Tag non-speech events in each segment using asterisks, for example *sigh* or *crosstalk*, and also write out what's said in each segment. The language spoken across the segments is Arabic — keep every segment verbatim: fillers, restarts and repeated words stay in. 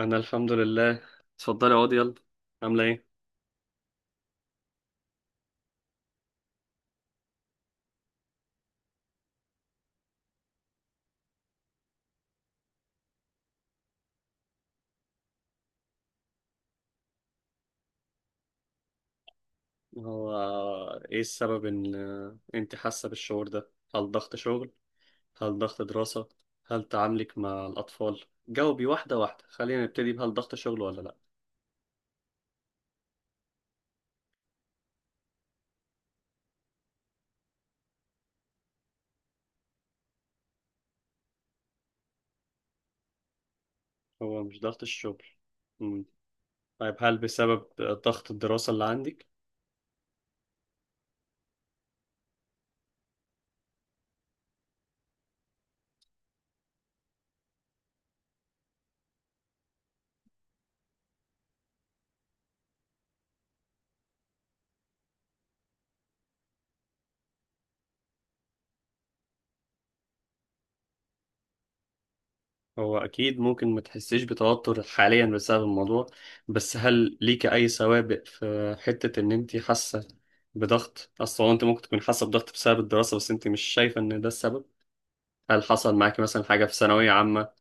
انا الحمد لله. اتفضلي اقعدي يلا. عامله ايه؟ هو ايه السبب ان انت حاسه بالشعور ده؟ هل ضغط شغل؟ هل ضغط دراسه؟ هل تعاملك مع الاطفال؟ جاوبي واحده واحده، خلينا نبتدي بهل ضغط شغل ولا لا. هو مش ضغط الشغل. امم طيب، هل بسبب ضغط الدراسه اللي عندك؟ هو أكيد ممكن ما تحسيش بتوتر حاليا بسبب الموضوع، بس هل ليك أي سوابق في حتة إن أنت حاسة بضغط أصلا؟ أنت ممكن تكون حاسة بضغط بسبب الدراسة بس أنت مش شايفة إن ده السبب. هل حصل معاكي مثلا حاجة في ثانوية عامة؟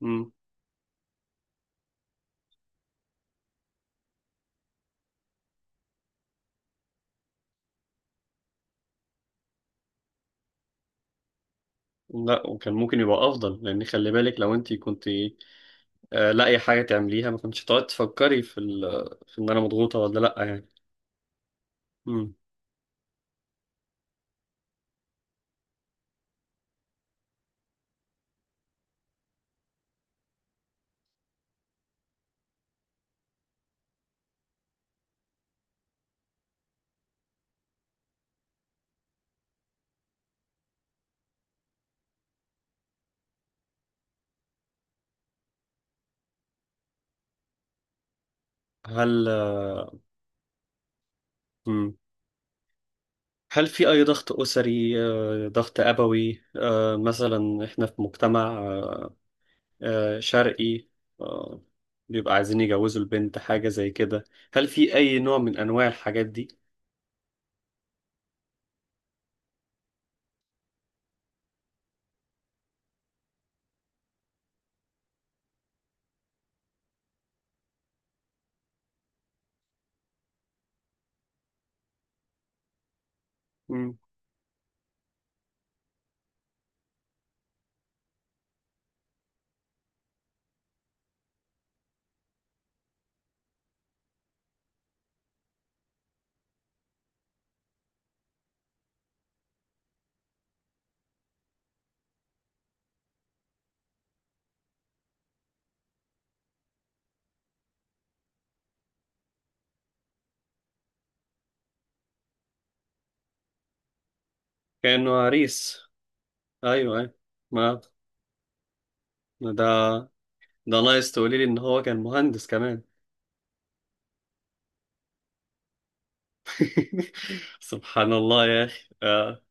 مم. لا، وكان ممكن يبقى أفضل لأن خلي بالك لو أنت كنت آه، لاقي حاجة تعمليها ما كنتش تقعد تفكري في ال... في إن أنا مضغوطة ولا لأ يعني. مم. هل آه، مم. هل في أي ضغط أسري، آه، ضغط أبوي؟ آه، مثلا إحنا في مجتمع آه، آه، شرقي، آه، بيبقى عايزين يجوزوا البنت حاجة زي كده. هل في أي نوع من أنواع الحاجات دي؟ مم. كأنه عريس. أيوه، أيوه. ما ما ده ده ناقص تقولي لي إن هو كان مهندس كمان. *laughs* سبحان الله يا أخي. آه.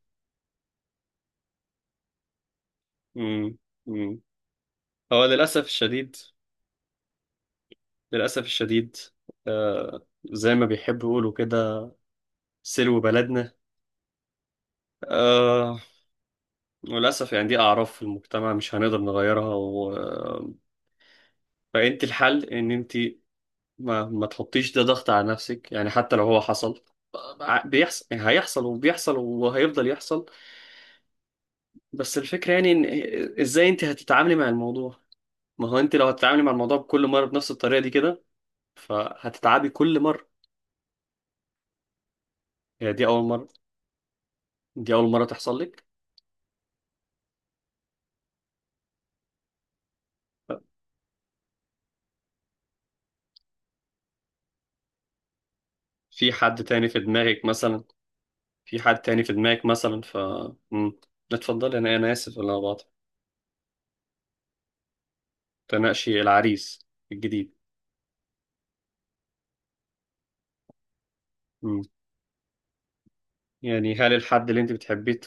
مم. مم. هو للأسف الشديد. للأسف الشديد. آه. زي ما بيحبوا يقولوا كده، سلو بلدنا. آه للأسف يعني دي أعراف في المجتمع مش هنقدر نغيرها و... فأنت الحل إن أنت ما, ما تحطيش ده ضغط على نفسك، يعني حتى لو هو حصل ع- بيحصل، يعني هيحصل وبيحصل وهيفضل يحصل. بس الفكرة يعني إن إزاي أنت هتتعاملي مع الموضوع؟ ما هو أنت لو هتتعاملي مع الموضوع بكل مرة بنفس الطريقة دي كده فهتتعبي كل مرة. هي دي أول مرة؟ دي أول مرة تحصل لك؟ في حد تاني في دماغك مثلا؟ في حد تاني في دماغك مثلا؟ ف مم. اتفضلي، أنا أنا آسف. ولا تناقشي العريس الجديد؟ مم. يعني هل الحد اللي انت بتحبيه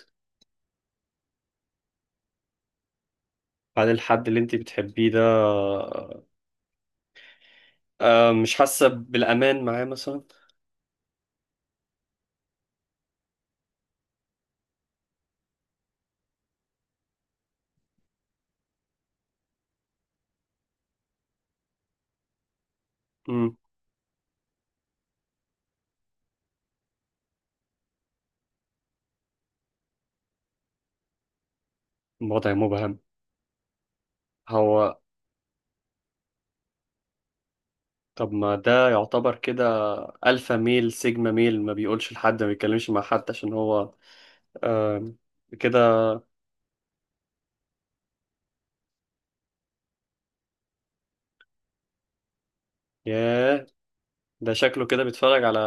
هل الحد اللي انت بتحبيه ده آه، مش حاسة بالأمان معاه مثلا؟ مم. الوضع مبهم. هو، طب ما ده يعتبر كده ألفا ميل سيجما ميل، ما بيقولش لحد، ما بيتكلمش مع حد، عشان هو آم، كده. ياه، ده شكله كده بيتفرج على...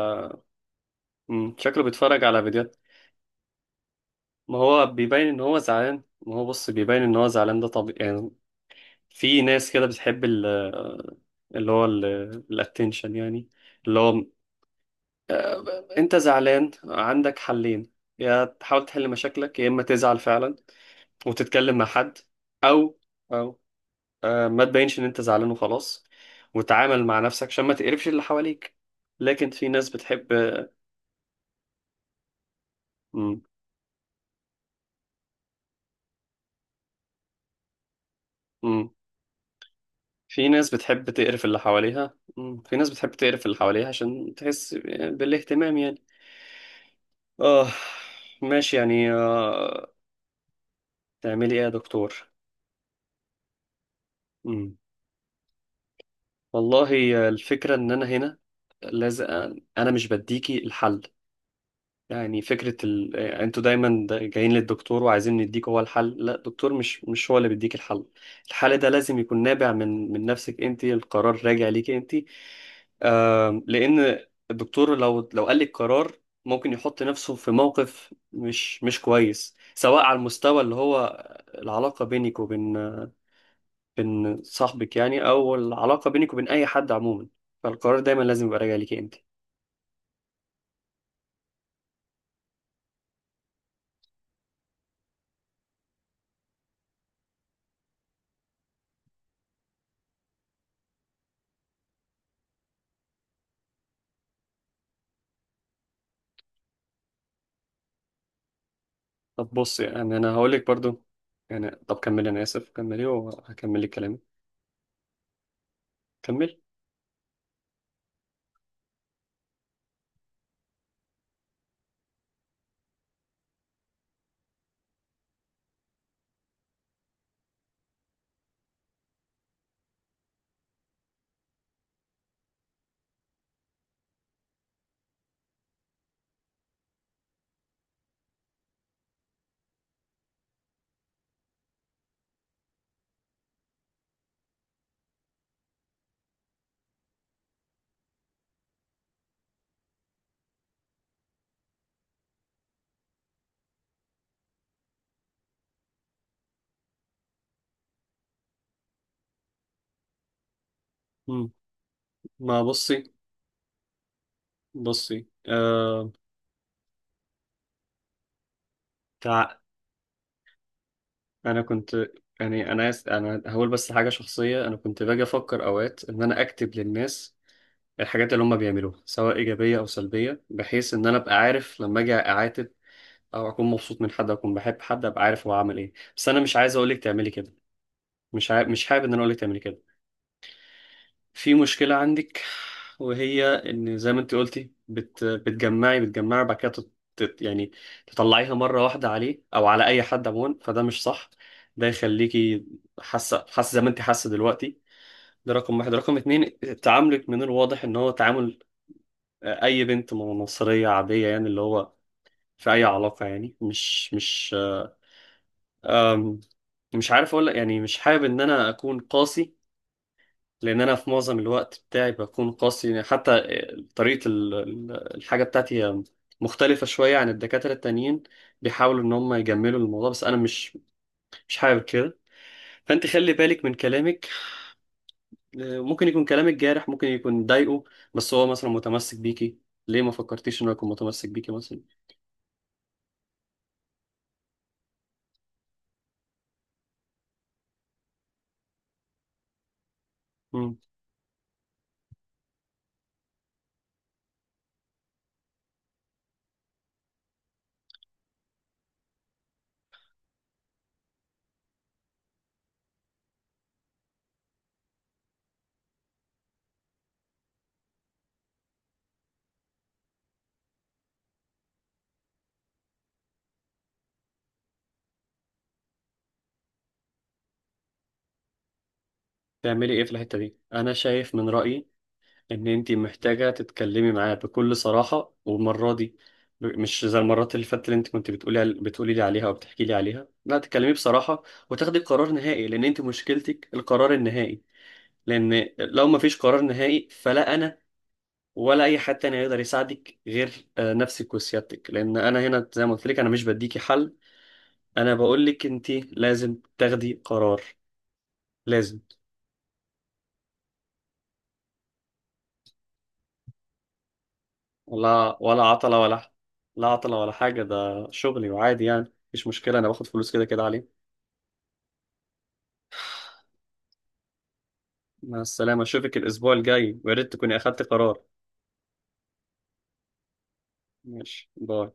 مم. شكله بيتفرج على فيديوهات. ما هو بيبين ان هو زعلان، ما هو بص بيبين ان هو زعلان ده طبيعي يعني. في ناس كده بتحب ال- اللي هو الاتنشن يعني، اللي هو آه، انت زعلان عندك حلين: يا تحاول تحل مشاكلك يا اما تزعل فعلا وتتكلم مع حد، او او آه، ما تبينش ان انت زعلان وخلاص وتعامل مع نفسك عشان ما تقرفش اللي حواليك. لكن في ناس بتحب مم. مم. في ناس بتحب تقرف اللي حواليها مم. في ناس بتحب تقرف اللي حواليها عشان تحس بالاهتمام يعني. اه، ماشي يعني. آه. تعملي ايه يا دكتور؟ امم والله، الفكره ان انا هنا لازم... انا مش بديكي الحل. يعني فكره ال... انتوا دايما دا- جايين للدكتور وعايزين نديك هو الحل. لا، الدكتور مش مش هو اللي بيديك الحل. الحل ده لازم يكون نابع من من نفسك، انت القرار راجع ليكي انت. آم، لان الدكتور لو لو قال لك قرار، ممكن يحط نفسه في موقف مش مش كويس، سواء على المستوى اللي هو العلاقه بينك وبين بين صاحبك يعني، او العلاقه بينك وبين اي حد عموما. فالقرار دايما لازم يبقى راجع ليك انت. طب بص، يعني انا هقول لك برضو يعني... طب كملي، انا اسف، كملي وهكمل لك كلامي. كمل. مم. ما بصي، بصي آه... تع... انا كنت يعني انا آس... انا هقول بس حاجه شخصيه. انا كنت باجي افكر اوقات ان انا اكتب للناس الحاجات اللي هم بيعملوها سواء ايجابيه او سلبيه، بحيث ان انا ابقى عارف لما اجي اعاتب او اكون مبسوط من حد اكون بحب حد، ابقى عارف هو عمل ايه. بس انا مش عايز اقولك تعملي كده، مش عاي... مش حابب ان انا اقولك تعملي كده. في مشكلة عندك، وهي ان زي ما انت قلتي، بت... بتجمعي بتجمعي بعد كده تت... تت- يعني تطلعيها مرة واحدة عليه او على اي حد عموما، فده مش صح. ده يخليكي حاسة حاسة زي ما انت حاسة دلوقتي. ده رقم واحد. رقم اتنين: تعاملك من الواضح ان هو تعامل آه، اي بنت مصرية عادية يعني، اللي هو في اي علاقة يعني. مش مش أم، مش عارف اقول لك يعني، مش حابب ان انا اكون قاسي، لان انا في معظم الوقت بتاعي بكون قاسي يعني. حتى طريقة ال- ال- الحاجة بتاعتي هي مختلفة شوية عن الدكاترة التانيين، بيحاولوا ان هم يجملوا الموضوع بس انا مش مش حابب كده. فانت خلي بالك من كلامك، آه، ممكن يكون كلامك جارح، ممكن يكون ضايقه، بس هو مثلا متمسك بيكي. ليه ما فكرتيش انه يكون متمسك بيكي مثلا؟ مم. تعملي ايه في الحتة دي؟ انا شايف من رأيي ان انتي محتاجة تتكلمي معاه بكل صراحة، والمرة دي ب- مش زي المرات اللي فاتت اللي انت كنت بتقولي عل- بتقولي لي عليها او بتحكي لي عليها. لا، تتكلمي بصراحة وتاخدي قرار نهائي، لان انت مشكلتك القرار النهائي. لان لو ما فيش قرار نهائي فلا انا ولا اي حد تاني هيقدر يساعدك، غير آه، نفسك وسيادتك. لان انا هنا زي ما قلت لك، انا مش بديكي حل، انا بقول لك انت لازم تاخدي قرار. لازم. ولا ولا عطلة ولا لا عطلة ولا حاجة، ده شغلي وعادي يعني مفيش مشكلة. أنا باخد فلوس كده كده عليه. مع السلامة. أشوفك الأسبوع الجاي ويا ريت تكوني أخدت قرار. ماشي. باي.